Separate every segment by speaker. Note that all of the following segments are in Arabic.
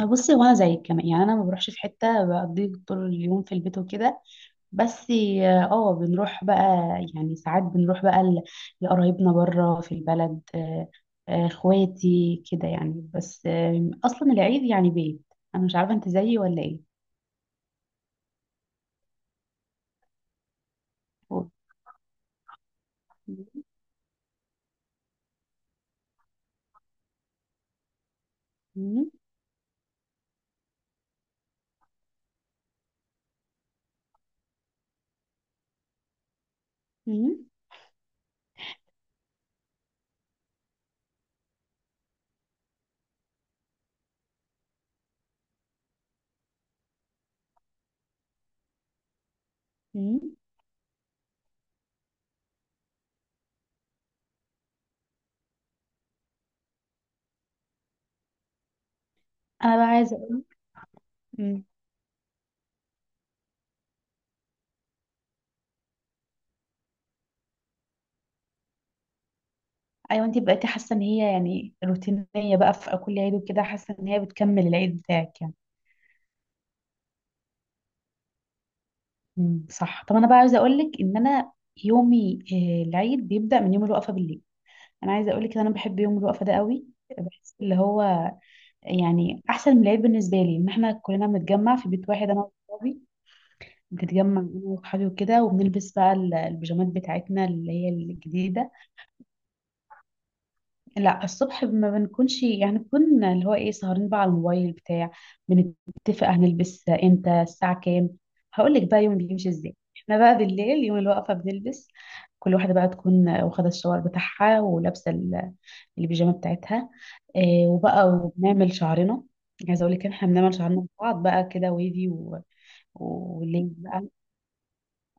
Speaker 1: بصي، وانا زيك كمان. يعني انا ما بروحش في حته، بقضي طول اليوم في البيت وكده. بس اه بنروح بقى. يعني ساعات بنروح بقى لقرايبنا بره في البلد. اخواتي كده يعني. بس اصلا العيد يعني بيت. انا مش عارفه انت زيي ولا ايه. و- مم، مم، مم. انا بقى عايزه اقول. مم. ايوه، انت بقيتي حاسه ان هي يعني روتينيه بقى في كل عيد وكده، حاسه ان هي بتكمل العيد بتاعك يعني. مم، صح. طب انا بقى عايزه اقول لك ان انا يومي العيد بيبدا من يوم الوقفه بالليل. انا عايزه اقول لك ان انا بحب يوم الوقفه ده قوي. بحس اللي هو يعني احسن من العيد بالنسبه لي ان احنا كلنا بنتجمع في بيت واحد، انا واصحابي. بنتجمع انا واصحابي وكده، وبنلبس بقى البيجامات بتاعتنا اللي هي الجديده. لا، الصبح ما بنكونش، يعني بنكون اللي هو ايه، سهرين بقى على الموبايل بتاع. بنتفق هنلبس امتى، الساعة كام. هقول لك بقى يوم بيمشي ازاي. احنا بقى بالليل يوم الوقفة بنلبس. كل واحدة بقى تكون واخدة الشاور بتاعها ولابسة البيجامة بتاعتها. وبقى وبنعمل شعرنا. عايزة اقول لك إن احنا بنعمل شعرنا ببعض بقى كده، ويفي. والليل بقى.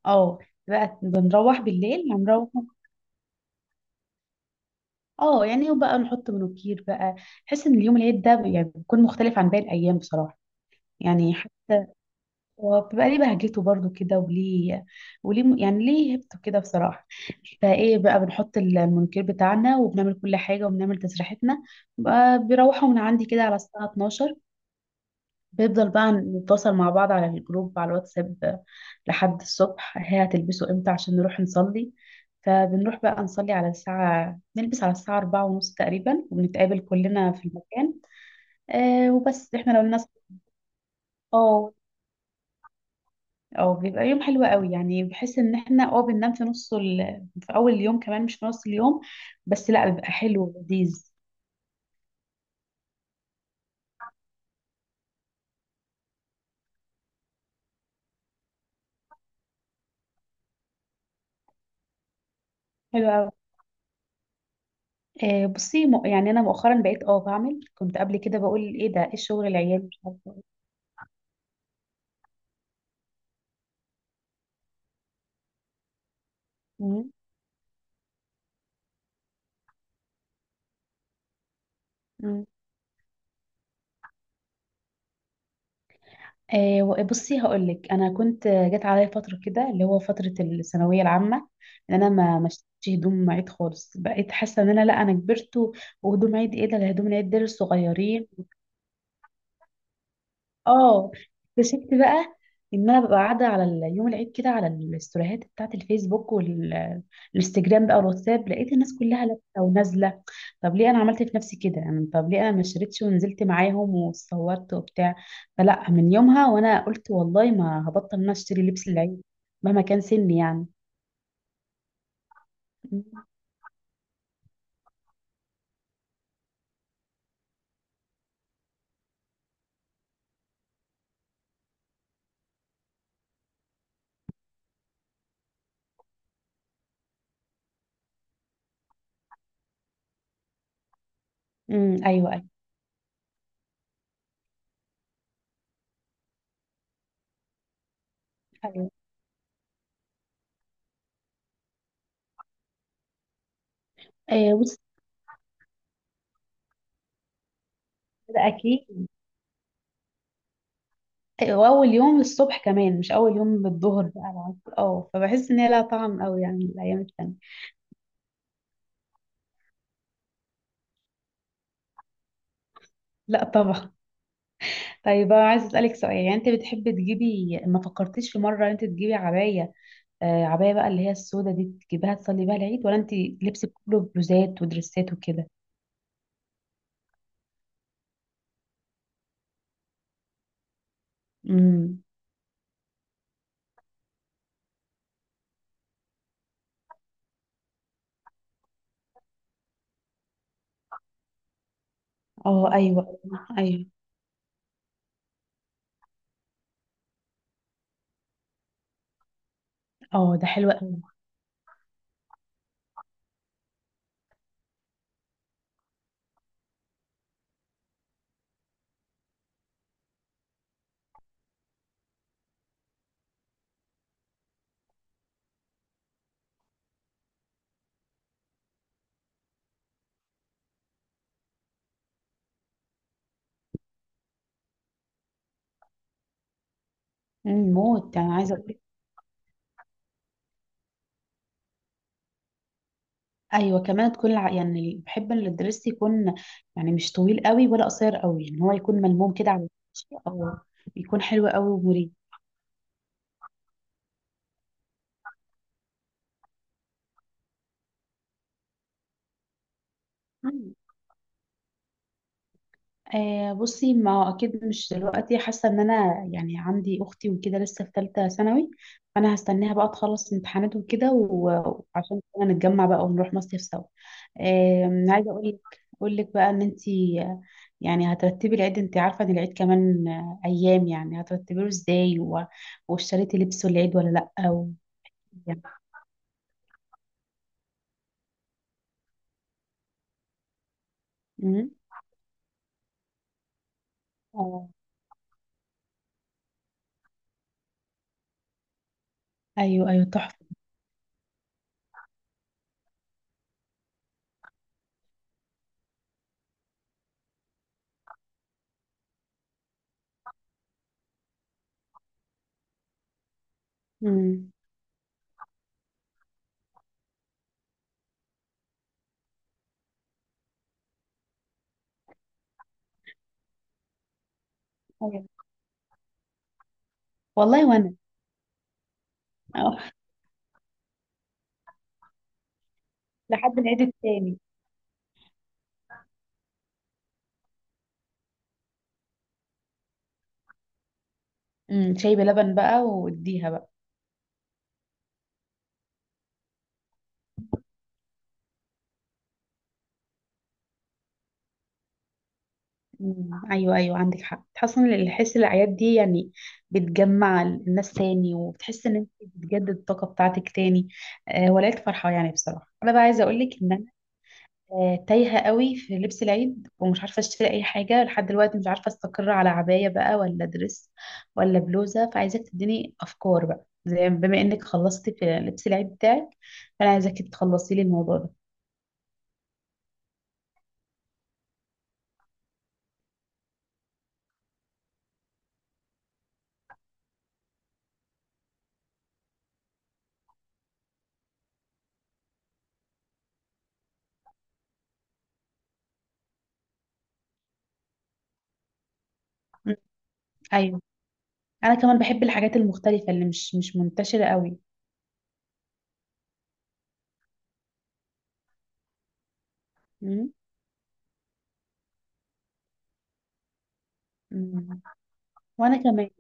Speaker 1: اه بقى بنروح بالليل، هنروح. اه يعني وبقى نحط منوكير بقى. بحس ان اليوم العيد ده يعني بيكون مختلف عن باقي الايام بصراحه. يعني حتى هو بيبقى ليه بهجته برضو كده، وليه يعني ليه هيبته كده بصراحه. فايه بقى، بنحط المنوكير بتاعنا وبنعمل كل حاجه وبنعمل تسريحتنا. بقى بيروحوا من عندي كده على الساعه 12. بيفضل بقى نتواصل مع بعض على الجروب على الواتساب لحد الصبح، هي هتلبسه امتى عشان نروح نصلي. فبنروح بقى نصلي على الساعة، نلبس على الساعة 4:30 تقريبا، وبنتقابل كلنا في المكان. وبس. احنا لو الناس. اه اه بيبقى يوم حلو قوي. يعني بحس ان احنا بننام في في اول اليوم كمان، مش في نص اليوم. بس لا، بيبقى حلو ولذيذ. حلو قوي. بصي، يعني انا مؤخرا بقيت بعمل. كنت قبل كده بقول ايه ده، ايه الشغل العيال، مش عارفه. إيه. مم. بصي هقولك، انا كنت جت عليا فتره كده اللي هو فتره الثانويه العامه ان انا ما مشيتش هدوم عيد خالص. بقيت حاسه ان انا، لا، انا كبرت. وهدوم عيد ايه ده، ده هدوم العيد دول صغيرين. اه اكتشفت بقى ان انا ببقى قاعده على يوم العيد كده، على الاستوريهات بتاعت الفيسبوك والانستجرام بقى والواتساب، لقيت الناس كلها لابسه ونازله. طب ليه انا عملت في نفسي كده، انا طب ليه انا ما شريتش ونزلت معاهم واتصورت وبتاع. فلا، من يومها وانا قلت والله ما هبطل ان انا اشتري لبس العيد مهما كان سني يعني. امم، ايوه ايوه ايوه. بص، ده اكيد. واول يوم الصبح كمان، مش اول يوم بالظهر بقى العصر. اه فبحس ان هي لها طعم قوي يعني الايام التانية. لا طبعا. طيب بقى، عايزه اسالك سؤال. يعني انت بتحبي تجيبي، ما فكرتيش في مره ان انت تجيبي عبايه؟ عبايه بقى اللي هي السودا دي، تجيبيها تصلي بيها العيد ولا انت لبسك كله بلوزات ودريسات وكده؟ امم. اه، ايوه ايوه. اه ده حلو قوي. موت يعني. عايزه اقول. ايوه، كمان تكون يعني بحب ان الدرس يكون يعني مش طويل قوي ولا قصير قوي، يعني هو يكون ملموم كده على الوش، اه. يكون حلو قوي ومريح. بصي، ما هو اكيد مش دلوقتي. حاسه ان انا يعني عندي اختي وكده لسه في ثالثه ثانوي، فانا هستناها بقى تخلص امتحانات وكده. وعشان كده نتجمع بقى ونروح مصيف سوا. عايزه اقول لك بقى ان انت يعني هترتبي العيد. انت عارفه ان العيد كمان ايام، يعني هترتبيه ازاي. واشتريتي لبس العيد ولا؟ لا. يعني. مم. آه. ايوه ايوه، تحفه. مم. أيوة. والله وانا. آه، لحد العيد التاني. شاي بلبن بقى، واديها بقى. امم، ايوه ايوه، عندك حق. تحس ان الحس الاعياد دي يعني بتجمع الناس تاني، وبتحس ان انت بتجدد الطاقه بتاعتك تاني. ولقيت فرحه يعني بصراحه. انا بقى عايزه اقول لك ان انا تايهه قوي في لبس العيد، ومش عارفه اشتري اي حاجه لحد دلوقتي. مش عارفه استقر على عبايه بقى ولا دريس ولا بلوزه. فعايزاك تديني افكار بقى، زي بما انك خلصتي في لبس العيد بتاعك، فانا عايزاك تخلصي لي الموضوع ده. مم. ايوه. انا كمان بحب الحاجات المختلفه اللي مش منتشره قوي. مم. مم. وانا كمان.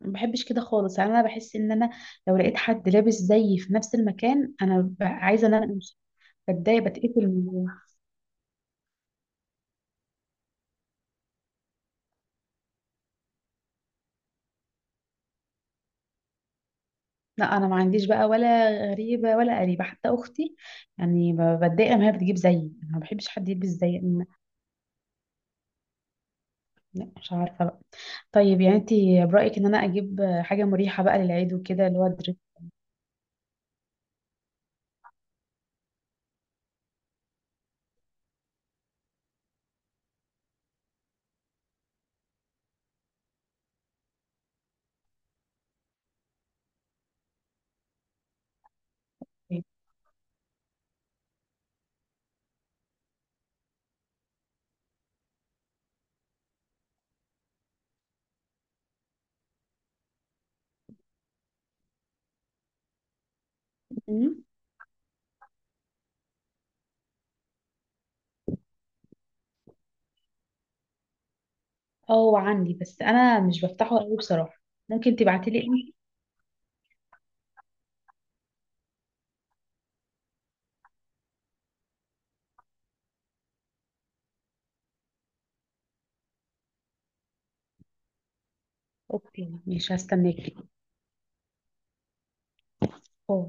Speaker 1: ما بحبش كده خالص يعني. انا بحس ان انا لو لقيت حد لابس زيي في نفس المكان، انا عايزه ان انا امشي. بتضايق بتقفل. لا، انا ما عنديش بقى ولا غريبه ولا قريبه، حتى اختي يعني بتضايق ما هي بتجيب زيي. أنا ما بحبش حد يلبس زيي. لا، مش عارفه بقى. طيب، يعني انت برايك ان انا اجيب حاجه مريحه بقى للعيد وكده اللي هو دريس؟ اه، عندي بس انا مش بفتحه قوي بصراحه. ممكن تبعتلي ايه. اوكي، مش هستناكي. باي.